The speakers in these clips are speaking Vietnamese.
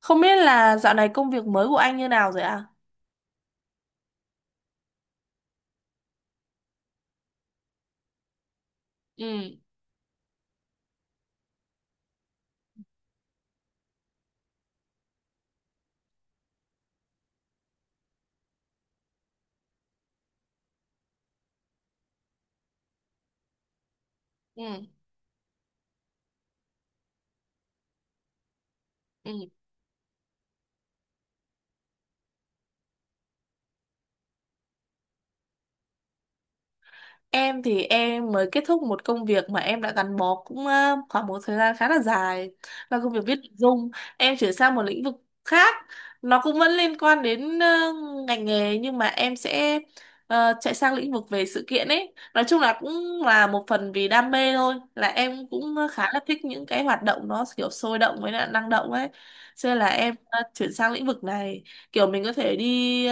Không biết là dạo này công việc mới của anh như nào rồi ạ? Ừ. Ừ. Ừ. Em thì em mới kết thúc một công việc mà em đã gắn bó cũng khoảng một thời gian khá là dài, là công việc viết nội dung. Em chuyển sang một lĩnh vực khác, nó cũng vẫn liên quan đến ngành nghề nhưng mà em sẽ chạy sang lĩnh vực về sự kiện ấy. Nói chung là cũng là một phần vì đam mê thôi, là em cũng khá là thích những cái hoạt động nó kiểu sôi động với lại năng động ấy. Cho nên là em chuyển sang lĩnh vực này, kiểu mình có thể đi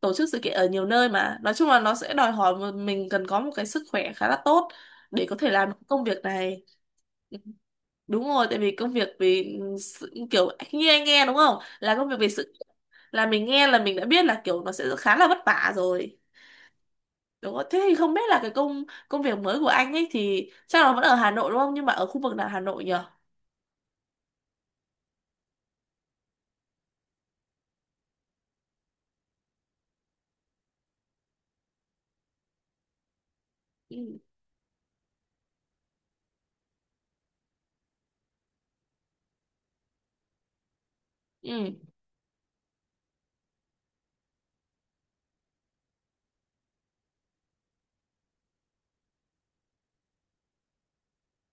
tổ chức sự kiện ở nhiều nơi, mà nói chung là nó sẽ đòi hỏi mình cần có một cái sức khỏe khá là tốt để có thể làm được công việc này. Đúng rồi, tại vì công việc vì sự, kiểu như anh nghe đúng không là công việc về sự, là mình nghe là mình đã biết là kiểu nó sẽ khá là vất vả rồi, đúng không? Thế thì không biết là cái công công việc mới của anh ấy thì chắc là vẫn ở Hà Nội đúng không, nhưng mà ở khu vực nào Hà Nội nhỉ? Ừ. Ừ.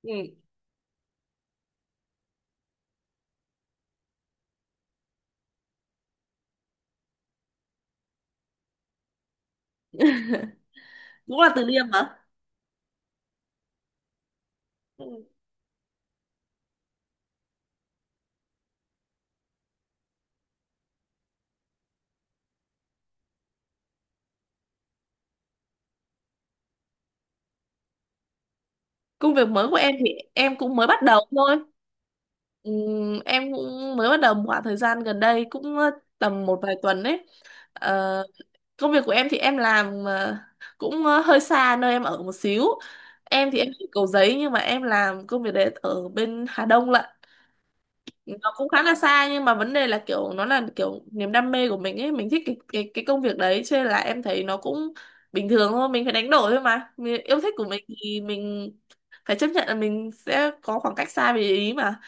Ừ. Cũng là Từ Liêm hả? Ừ. Công việc mới của em thì em cũng mới bắt đầu thôi. Em cũng mới bắt đầu một khoảng thời gian gần đây, cũng tầm một vài tuần đấy. Ờ, công việc của em thì em làm cũng hơi xa nơi em ở một xíu. Em thì em ở Cầu Giấy, nhưng mà em làm công việc đấy ở bên Hà Đông lận. Nó cũng khá là xa, nhưng mà vấn đề là kiểu nó là kiểu niềm đam mê của mình ấy, mình thích cái công việc đấy, cho nên là em thấy nó cũng bình thường thôi. Mình phải đánh đổi thôi, mà mình, yêu thích của mình thì mình phải chấp nhận là mình sẽ có khoảng cách xa về ý mà.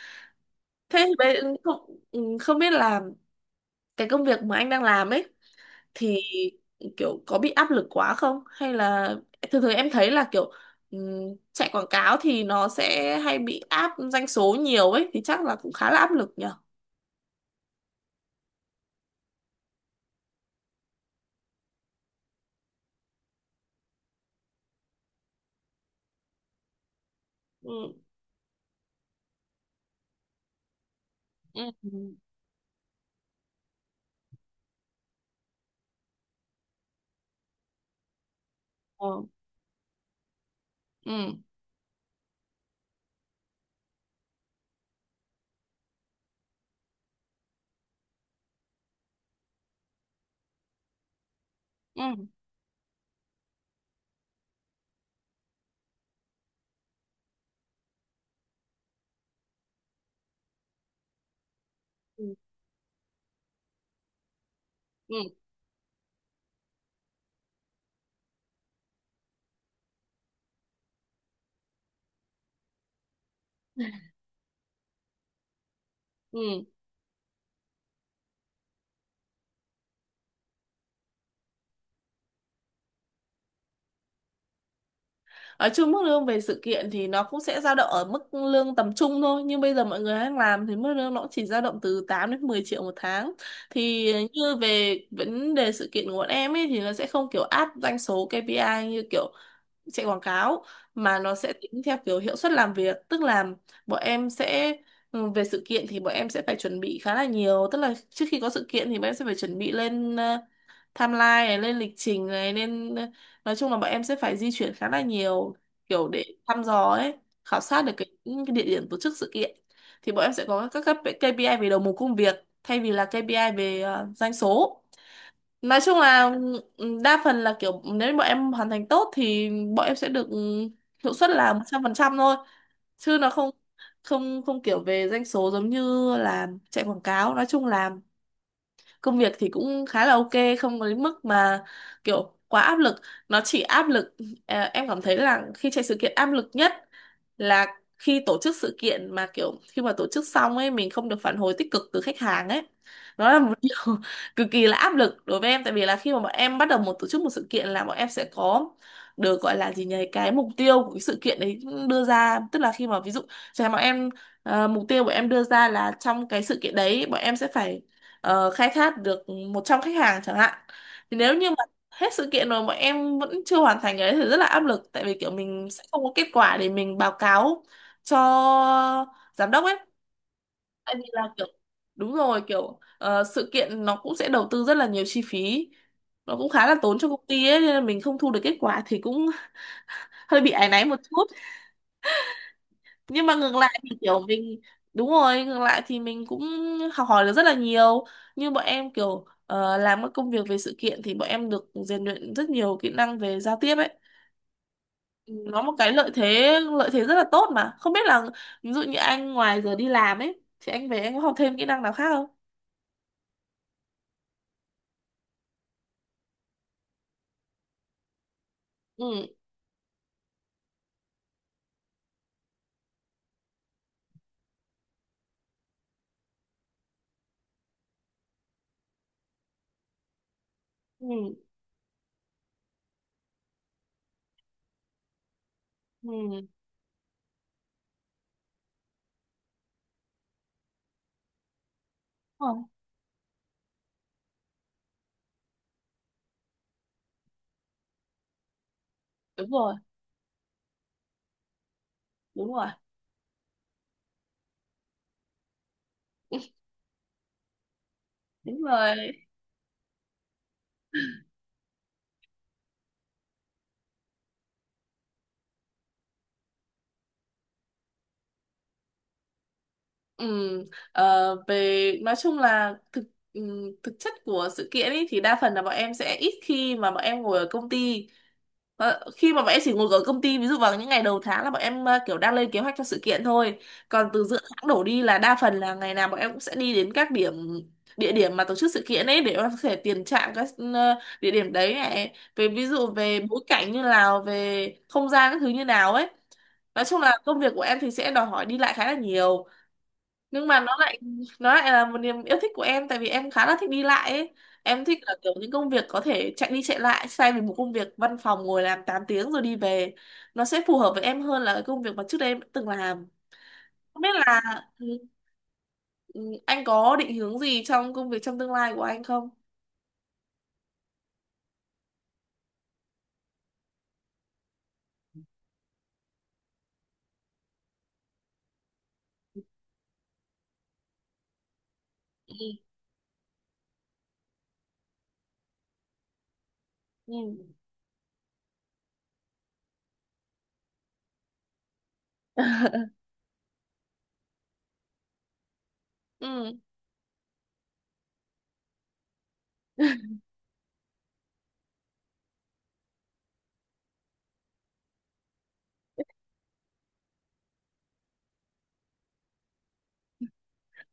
Thế thì bây không không biết là cái công việc mà anh đang làm ấy thì kiểu có bị áp lực quá không, hay là thường thường em thấy là kiểu ừ, chạy quảng cáo thì nó sẽ hay bị áp doanh số nhiều ấy, thì chắc là cũng khá là áp lực nhở? Ừ. Ừ. Ừ. Ừ. Ừ. Ừ. Ừ. Ở chung mức lương về sự kiện thì nó cũng sẽ dao động ở mức lương tầm trung thôi. Nhưng bây giờ mọi người đang làm thì mức lương nó cũng chỉ dao động từ 8 đến 10 triệu một tháng. Thì như về vấn đề sự kiện của bọn em ấy thì nó sẽ không kiểu áp doanh số KPI như kiểu chạy quảng cáo, mà nó sẽ tính theo kiểu hiệu suất làm việc. Tức là bọn em sẽ về sự kiện thì bọn em sẽ phải chuẩn bị khá là nhiều. Tức là trước khi có sự kiện thì bọn em sẽ phải chuẩn bị lên timeline này, lên lịch trình này, nên nói chung là bọn em sẽ phải di chuyển khá là nhiều, kiểu để thăm dò ấy, khảo sát được cái, những cái địa điểm tổ chức sự kiện. Thì bọn em sẽ có các KPI về đầu mục công việc, thay vì là KPI về doanh số. Nói chung là đa phần là kiểu nếu bọn em hoàn thành tốt thì bọn em sẽ được hiệu suất là 100% thôi, chứ nó không không không kiểu về doanh số giống như là chạy quảng cáo. Nói chung là công việc thì cũng khá là ok, không có đến mức mà kiểu quá áp lực. Nó chỉ áp lực, em cảm thấy là khi chạy sự kiện áp lực nhất là khi tổ chức sự kiện mà kiểu khi mà tổ chức xong ấy mình không được phản hồi tích cực từ khách hàng ấy, nó là một điều cực kỳ là áp lực đối với em. Tại vì là khi mà bọn em bắt đầu một tổ chức một sự kiện là bọn em sẽ có, được gọi là gì nhỉ, cái mục tiêu của cái sự kiện đấy đưa ra. Tức là khi mà ví dụ chẳng hạn bọn em mục tiêu bọn em đưa ra là trong cái sự kiện đấy bọn em sẽ phải khai thác được 100 khách hàng chẳng hạn. Thì nếu như mà hết sự kiện rồi mà em vẫn chưa hoàn thành cái đấy thì rất là áp lực, tại vì kiểu mình sẽ không có kết quả để mình báo cáo cho giám đốc ấy. Tại vì là kiểu, đúng rồi, kiểu sự kiện nó cũng sẽ đầu tư rất là nhiều chi phí, nó cũng khá là tốn cho công ty ấy, nên là mình không thu được kết quả thì cũng hơi bị áy náy một chút. Nhưng mà ngược lại thì kiểu mình, đúng rồi, ngược lại thì mình cũng học hỏi được rất là nhiều. Như bọn em kiểu làm các công việc về sự kiện thì bọn em được rèn luyện rất nhiều kỹ năng về giao tiếp ấy. Ừ, nó một cái lợi thế, lợi thế rất là tốt, mà không biết là ví dụ như anh ngoài giờ đi làm ấy thì anh về anh có học thêm kỹ năng nào khác không? Ừ. Ừ. Ừ. Đúng rồi. Đúng rồi. Đúng rồi. Đúng rồi. Ừ, về nói chung là thực thực chất của sự kiện ý, thì đa phần là bọn em sẽ ít khi mà bọn em ngồi ở công ty. Khi mà bọn em chỉ ngồi ở công ty ví dụ vào những ngày đầu tháng là bọn em kiểu đang lên kế hoạch cho sự kiện thôi, còn từ giữa tháng đổ đi là đa phần là ngày nào bọn em cũng sẽ đi đến các điểm, địa điểm mà tổ chức sự kiện ấy, để bọn em có thể tiền trạm các ờ, địa điểm đấy này, về ví dụ về bối cảnh như nào, về không gian các thứ như nào ấy. Nói chung là công việc của em thì sẽ đòi hỏi đi lại khá là nhiều, nhưng mà nó lại, nó lại là một niềm yêu thích của em tại vì em khá là thích đi lại ấy. Em thích là kiểu những công việc có thể chạy đi chạy lại thay vì một công việc văn phòng ngồi làm 8 tiếng rồi đi về. Nó sẽ phù hợp với em hơn là cái công việc mà trước đây em đã từng làm. Không biết là ừ, ừ, anh có định hướng gì trong công việc trong tương lai của anh không? Ừ. Ừ. Ừ.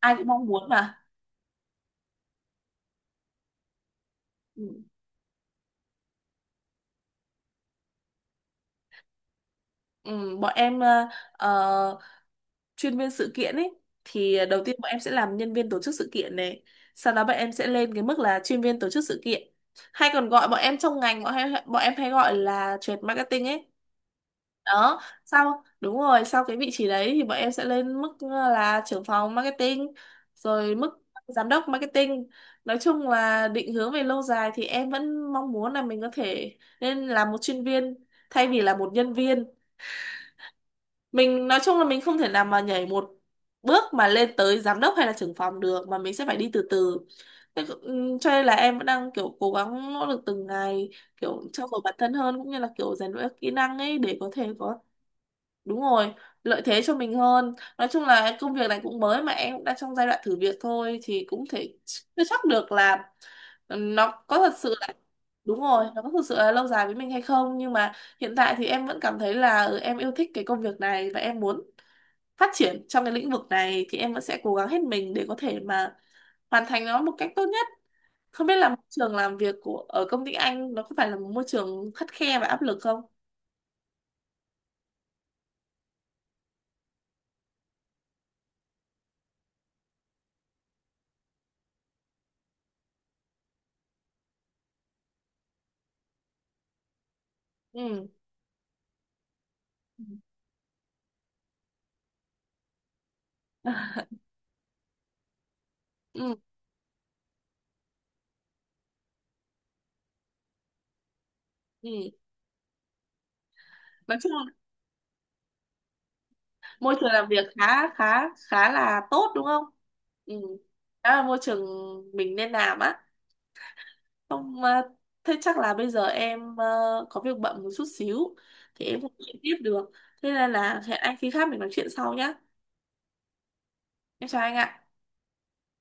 Ai cũng mong muốn mà. Ừ. Ừ, bọn em ờ, chuyên viên sự kiện ấy thì đầu tiên bọn em sẽ làm nhân viên tổ chức sự kiện này, sau đó bọn em sẽ lên cái mức là chuyên viên tổ chức sự kiện, hay còn gọi bọn em trong ngành bọn em hay gọi là trade marketing ấy đó. Sau, đúng rồi, sau cái vị trí đấy thì bọn em sẽ lên mức là trưởng phòng marketing, rồi mức giám đốc marketing. Nói chung là định hướng về lâu dài thì em vẫn mong muốn là mình có thể nên là một chuyên viên thay vì là một nhân viên. Mình nói chung là mình không thể nào mà nhảy một bước mà lên tới giám đốc hay là trưởng phòng được, mà mình sẽ phải đi từ từ. Thế cho nên là em vẫn đang kiểu cố gắng nỗ lực từng ngày, kiểu trau dồi bản thân hơn cũng như là kiểu rèn luyện các kỹ năng ấy để có thể có, đúng rồi, lợi thế cho mình hơn. Nói chung là công việc này cũng mới mà em cũng đang trong giai đoạn thử việc thôi thì cũng thể chưa chắc được là nó có thật sự là, đúng rồi, nó có thật sự là lâu dài với mình hay không, nhưng mà hiện tại thì em vẫn cảm thấy là em yêu thích cái công việc này và em muốn phát triển trong cái lĩnh vực này, thì em vẫn sẽ cố gắng hết mình để có thể mà hoàn thành nó một cách tốt nhất. Không biết là môi trường làm việc của ở công ty anh nó có phải là một môi trường khắt khe và áp lực không? Ừ. Ừ. Ừ. Nói chung là môi trường làm việc khá khá khá là tốt đúng không? Ừ. Đó là môi trường mình nên làm á. Không thế chắc là bây giờ em có việc bận một chút xíu thì em không nói tiếp được, thế nên là hẹn anh khi khác mình nói chuyện sau nhá. Em chào anh ạ.